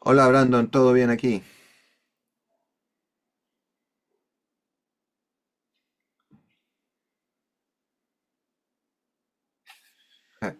Hola Brandon, ¿todo bien aquí? Ja.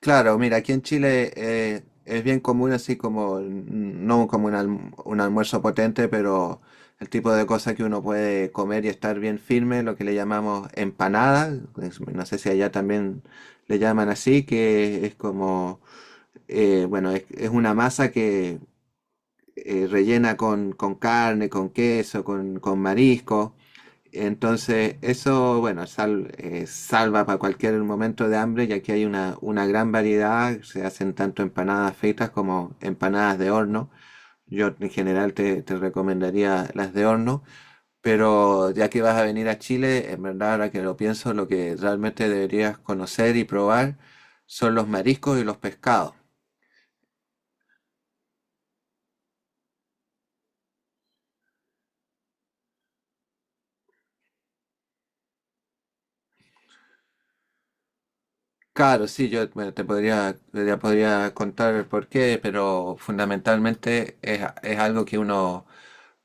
Claro, mira, aquí en Chile es bien común así como, no como un almuerzo potente, pero el tipo de cosas que uno puede comer y estar bien firme, lo que le llamamos empanada, no sé si allá también le llaman así, que es como, bueno, es una masa que rellena con carne, con queso, con marisco. Entonces, eso, bueno, salva para cualquier momento de hambre, ya que hay una gran variedad, se hacen tanto empanadas fritas como empanadas de horno. Yo en general te recomendaría las de horno, pero ya que vas a venir a Chile, en verdad, ahora que lo pienso, lo que realmente deberías conocer y probar son los mariscos y los pescados. Claro, sí, yo bueno, te podría contar el porqué, pero fundamentalmente es algo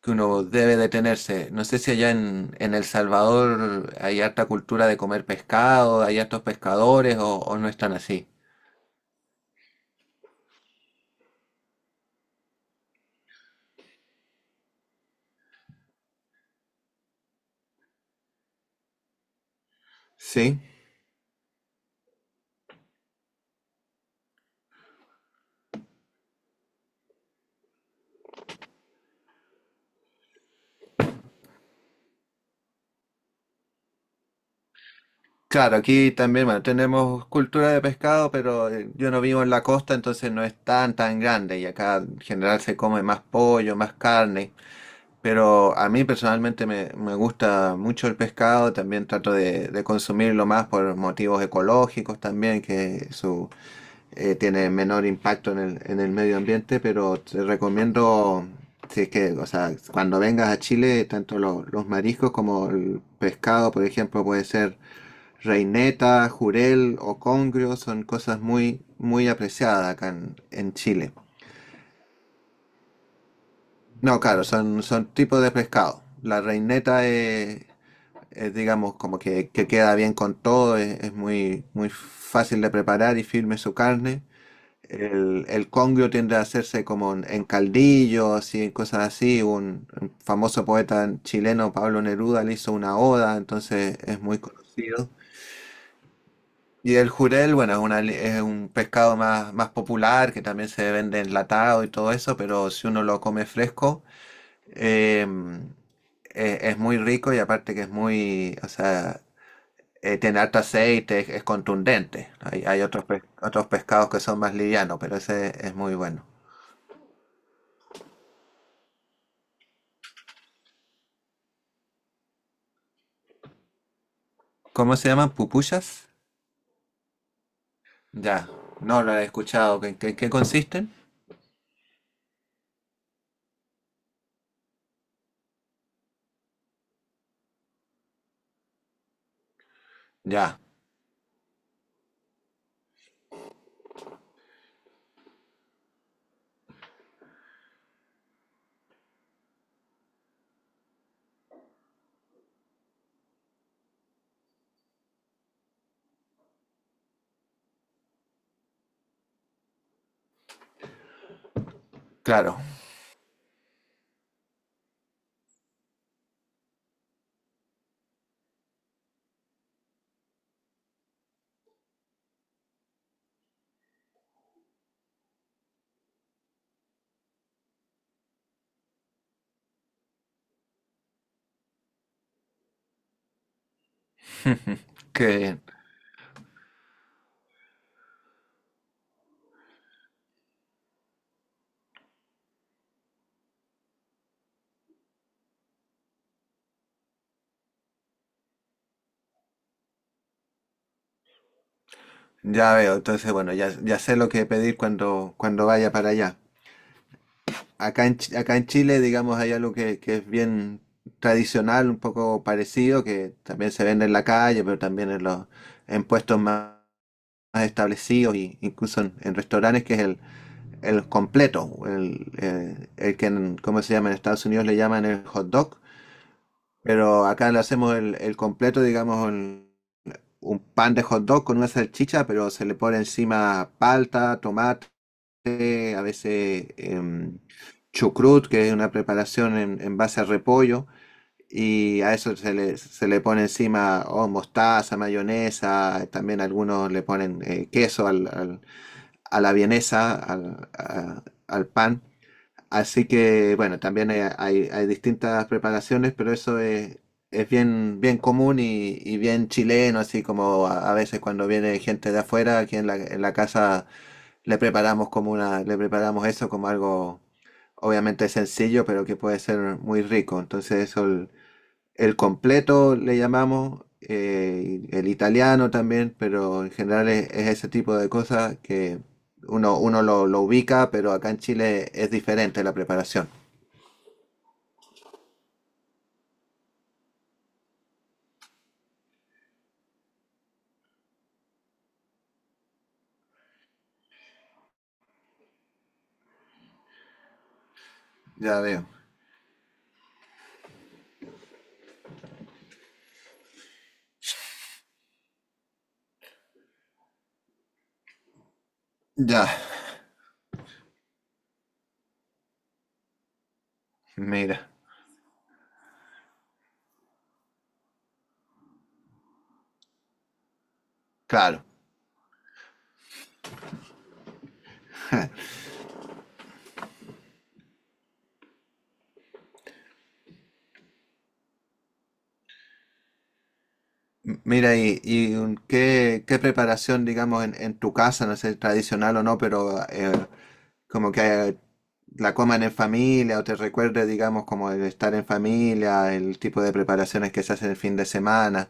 que uno debe detenerse. No sé si en El Salvador hay harta cultura de comer pescado, hay hartos pescadores o no están así. Sí. Claro, aquí también, bueno, tenemos cultura de pescado, pero yo no vivo en la costa, entonces no es tan tan grande y acá en general se come más pollo, más carne. Pero a mí personalmente me gusta mucho el pescado, también trato de consumirlo más por motivos ecológicos también, tiene menor impacto en el medio ambiente, pero te recomiendo, si es que, o sea, cuando vengas a Chile, tanto los mariscos como el pescado, por ejemplo, puede ser reineta, jurel o congrio, son cosas muy, muy apreciadas en Chile. No, claro, son tipos de pescado. Es, digamos, como que queda bien con todo, es muy, muy fácil de preparar y firme su carne. El congrio tiende a hacerse como en caldillo, así, en cosas así. Un famoso poeta chileno, Pablo Neruda, le hizo una oda, entonces es muy conocido. Y el jurel, bueno, es un pescado más, más popular que también se vende enlatado y todo eso, pero si uno lo come fresco, em, es muy rico y aparte que es muy, o sea, tiene harto aceite, es contundente. Hay otros pescados que son más livianos, pero ese es muy bueno. ¿Cómo se llaman? ¿Pupusas? Ya, no lo he escuchado. En qué consisten? Ya, claro, que ya veo. Entonces, bueno, ya, ya sé lo que pedir cuando, cuando vaya para allá. Acá en Chile, digamos, hay algo que es bien tradicional, un poco parecido, que también se vende en la calle, pero también en puestos más establecidos, y incluso en restaurantes, que es el completo, ¿cómo se llama? En Estados Unidos le llaman el hot dog. Pero acá le hacemos el completo, digamos, un pan de hot dog con una salchicha, pero se le pone encima palta, tomate, a veces chucrut, que es una preparación en base a repollo, y a eso se le pone encima mostaza, mayonesa, también algunos le ponen queso a la vienesa, al pan. Así que, bueno, también hay distintas preparaciones, pero es bien, bien común y bien chileno, así como a veces cuando viene gente de afuera, aquí en la casa le preparamos eso como algo obviamente sencillo, pero que puede ser muy rico. El completo le llamamos, el italiano también, pero en general es ese tipo de cosas que uno lo ubica, pero acá en Chile es diferente la preparación. Ya veo. Ya, mira, claro. Mira, qué preparación, digamos, en tu casa, no sé, tradicional o no, pero como que la coman en familia o te recuerde, digamos, como el estar en familia, el tipo de preparaciones que se hacen el fin de semana.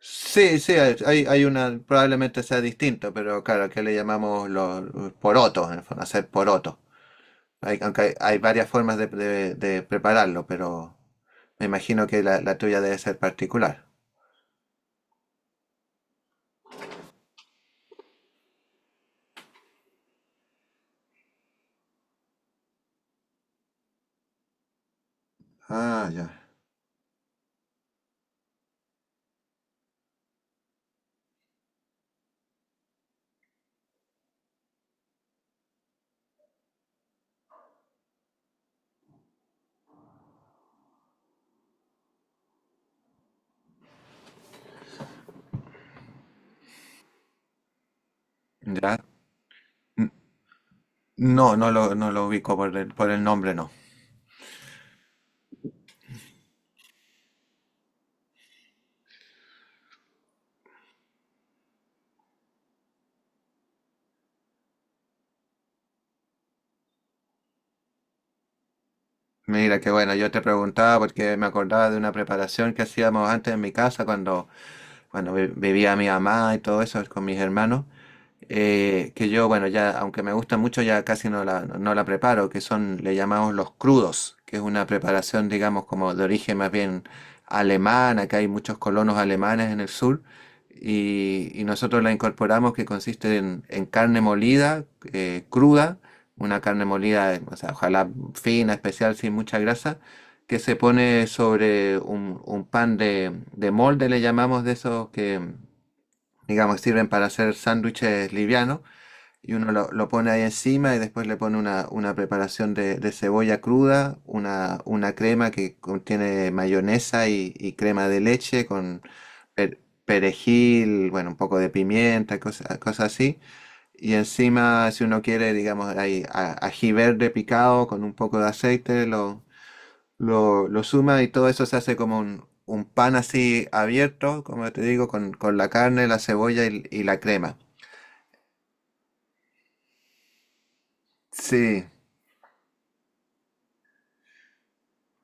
Sí, sí, hay una, probablemente sea distinto, pero claro, aquí le llamamos los porotos, en el fondo, hacer porotos. Hay, aunque hay varias formas de prepararlo, pero me imagino que la tuya debe ser particular. Ah, ya. Ya. N- No, no lo ubico por el nombre, no. Mira, que bueno, yo te preguntaba porque me acordaba de una preparación que hacíamos antes en mi casa cuando vivía mi mamá y todo eso con mis hermanos, que yo, bueno, ya, aunque me gusta mucho, ya casi no la preparo, que son, le llamamos los crudos, que es una preparación, digamos, como de origen más bien alemán, acá hay muchos colonos alemanes en el sur, y nosotros la incorporamos, que consiste en carne molida, cruda, una carne molida, o sea, ojalá fina, especial, sin mucha grasa, que se pone sobre un pan de molde, le llamamos, de esos que, digamos, sirven para hacer sándwiches livianos. Y uno lo pone ahí encima y después le pone una preparación de cebolla cruda, una crema que contiene mayonesa y crema de leche con per- perejil, bueno, un poco de pimienta, cosas, cosas así. Y encima, si uno quiere, digamos, ají verde picado con un poco de aceite, lo suma y todo eso se hace como un pan así abierto, como te digo, con la carne, la cebolla y la crema. Sí,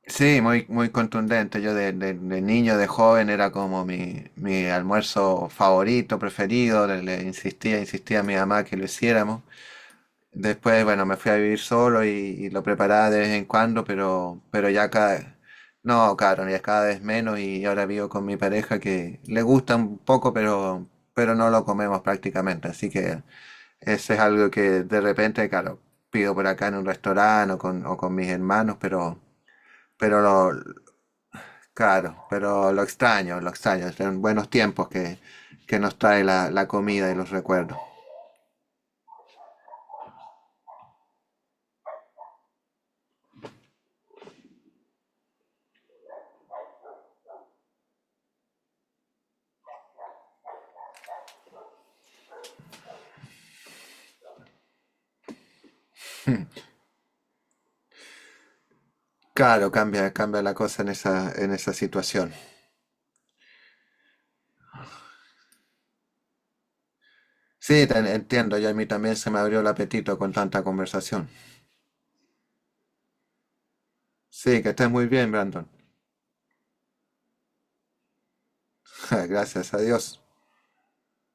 sí, muy, muy contundente. Yo de niño, de joven, era como mi almuerzo favorito, preferido. Le insistía, insistía a mi mamá que lo hiciéramos. Después, bueno, me fui a vivir solo y lo preparaba de vez en cuando, pero, no, claro, ya cada vez menos y ahora vivo con mi pareja que le gusta un poco, pero no lo comemos prácticamente. Así que ese es algo que de repente, claro, pido por acá en un restaurante o con mis hermanos, pero, pero lo, claro, pero lo extraño, lo extraño. Son buenos tiempos que nos trae la comida y los recuerdos. Claro, cambia, cambia la cosa en esa situación. Sí, te entiendo, y a mí también se me abrió el apetito con tanta conversación. Sí, que estés muy bien, Brandon. Gracias a Dios.